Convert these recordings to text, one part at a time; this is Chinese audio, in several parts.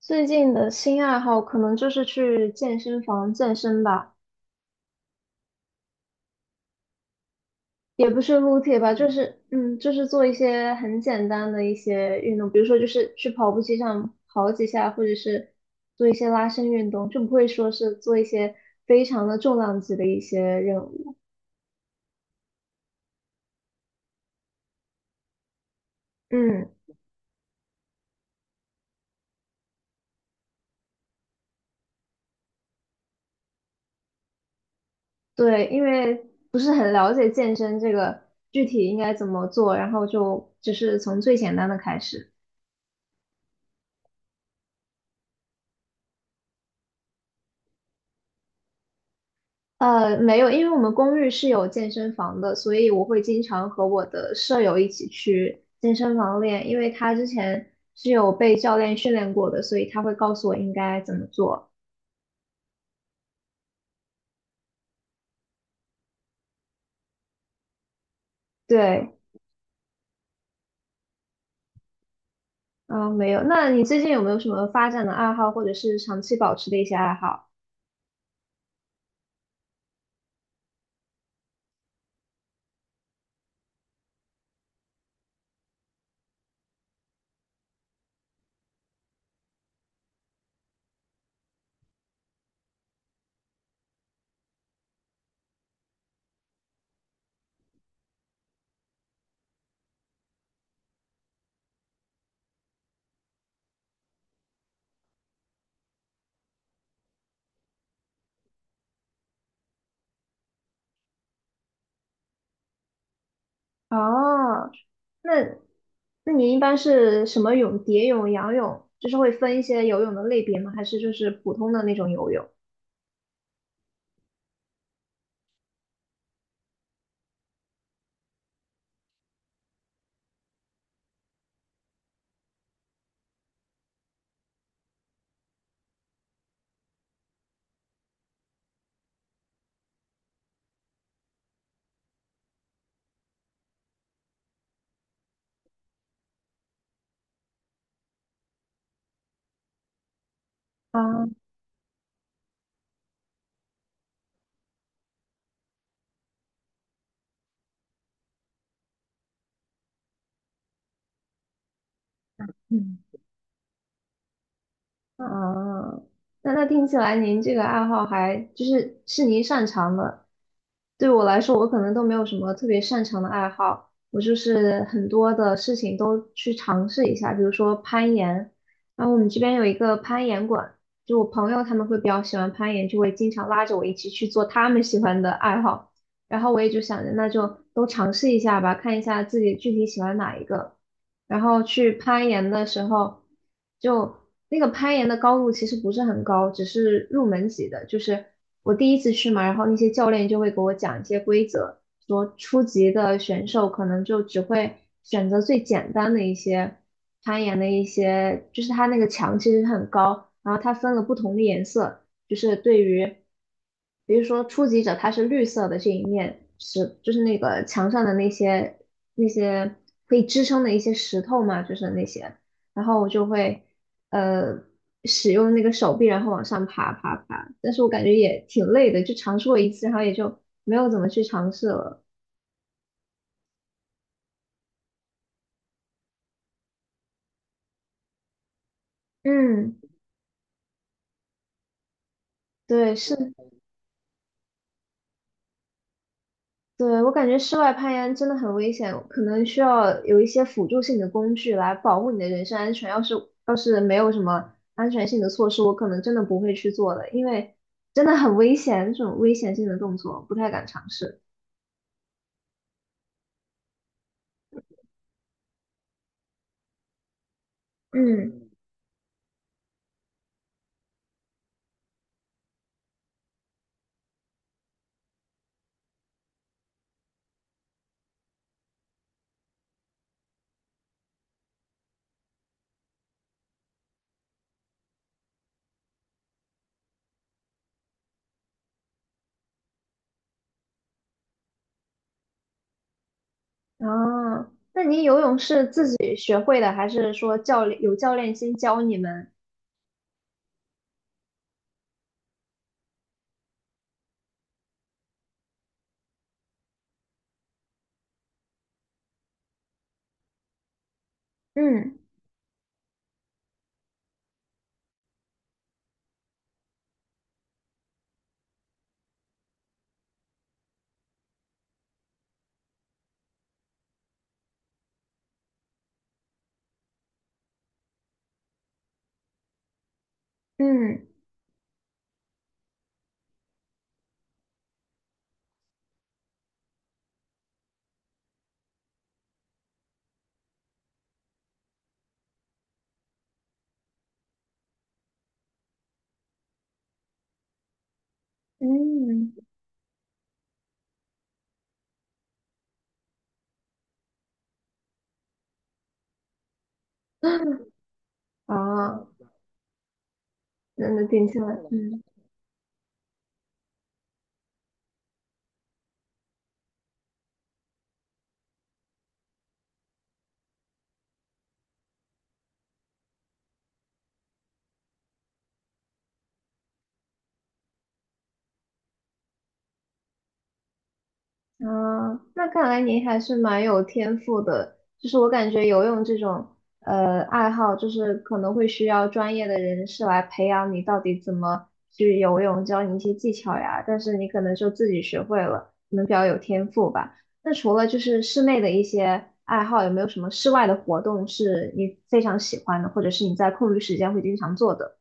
最近的新爱好可能就是去健身房健身吧，也不是撸铁吧，就是就是做一些很简单的一些运动，比如说就是去跑步机上跑几下，或者是做一些拉伸运动，就不会说是做一些非常的重量级的一些任务。嗯，对，因为不是很了解健身这个具体应该怎么做，然后就只是从最简单的开始。没有，因为我们公寓是有健身房的，所以我会经常和我的舍友一起去健身房练，因为他之前是有被教练训练过的，所以他会告诉我应该怎么做。对，嗯，没有。那你最近有没有什么发展的爱好，或者是长期保持的一些爱好？哦，那那你一般是什么泳？蝶泳、仰泳，就是会分一些游泳的类别吗？还是就是普通的那种游泳？啊，嗯啊，嗯那听起来您这个爱好还就是是您擅长的。对我来说，我可能都没有什么特别擅长的爱好，我就是很多的事情都去尝试一下，比如说攀岩。然后我们这边有一个攀岩馆，就我朋友他们会比较喜欢攀岩，就会经常拉着我一起去做他们喜欢的爱好。然后我也就想着，那就都尝试一下吧，看一下自己具体喜欢哪一个。然后去攀岩的时候，就那个攀岩的高度其实不是很高，只是入门级的。就是我第一次去嘛，然后那些教练就会给我讲一些规则，说初级的选手可能就只会选择最简单的一些攀岩的一些，就是它那个墙其实很高，然后它分了不同的颜色。就是对于，比如说初级者，它是绿色的这一面石，就是那个墙上的那些那些可以支撑的一些石头嘛，就是那些，然后我就会呃使用那个手臂，然后往上爬，但是我感觉也挺累的，就尝试过一次，然后也就没有怎么去尝试了。嗯，对，是。对，我感觉室外攀岩真的很危险，可能需要有一些辅助性的工具来保护你的人身安全。要是没有什么安全性的措施，我可能真的不会去做的，因为真的很危险，这种危险性的动作不太敢尝试。嗯，哦，那你游泳是自己学会的，还是说教练先教你们？嗯嗯嗯，哦，那那听起来，嗯啊，那看来您还是蛮有天赋的。就是我感觉游泳这种爱好，就是可能会需要专业的人士来培养你到底怎么去游泳，教你一些技巧呀。但是你可能就自己学会了，可能比较有天赋吧。那除了就是室内的一些爱好，有没有什么室外的活动是你非常喜欢的，或者是你在空余时间会经常做的？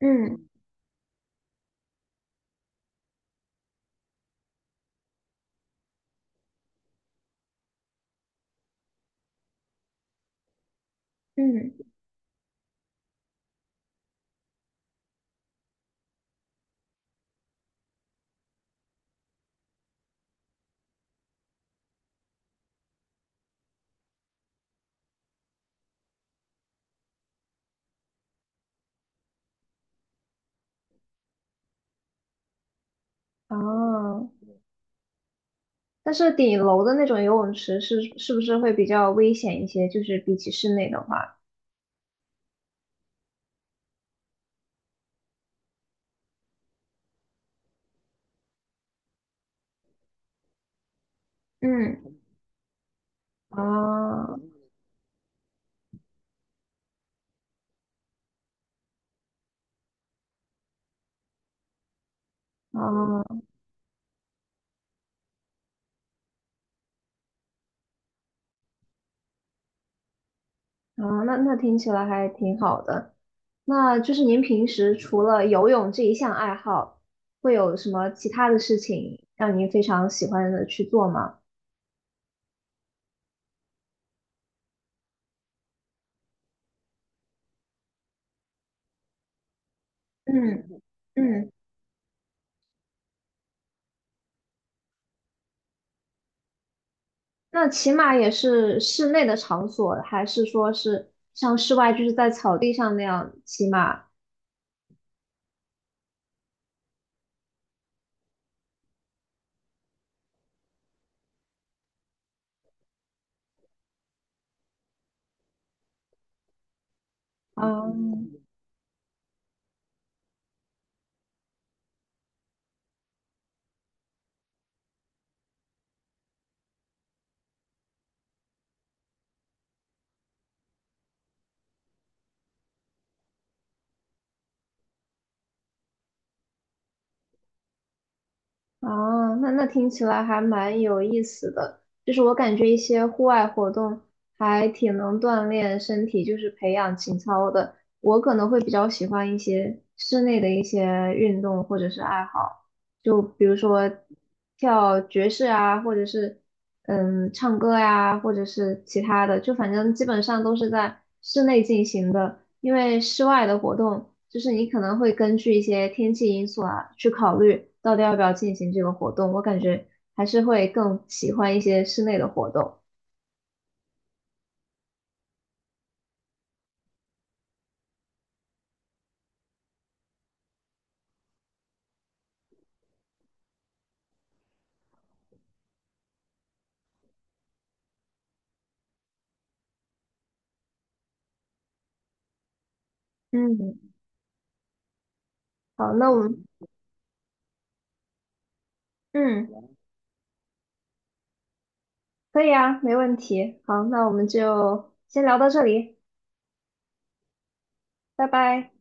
嗯嗯，哦。但是顶楼的那种游泳池是不是会比较危险一些？就是比起室内的话，嗯，啊啊啊，那那听起来还挺好的。那就是您平时除了游泳这一项爱好，会有什么其他的事情让您非常喜欢的去做吗？嗯嗯，那骑马也是室内的场所，还是说是像室外就是在草地上那样骑马？啊哦，那那听起来还蛮有意思的。就是我感觉一些户外活动还挺能锻炼身体，就是培养情操的。我可能会比较喜欢一些室内的一些运动或者是爱好。就比如说跳爵士啊，或者是唱歌呀、或者是其他的，就反正基本上都是在室内进行的，因为室外的活动，就是你可能会根据一些天气因素啊，去考虑到底要不要进行这个活动。我感觉还是会更喜欢一些室内的活动。嗯，好，那我们嗯可以啊，没问题。好，那我们就先聊到这里，拜拜。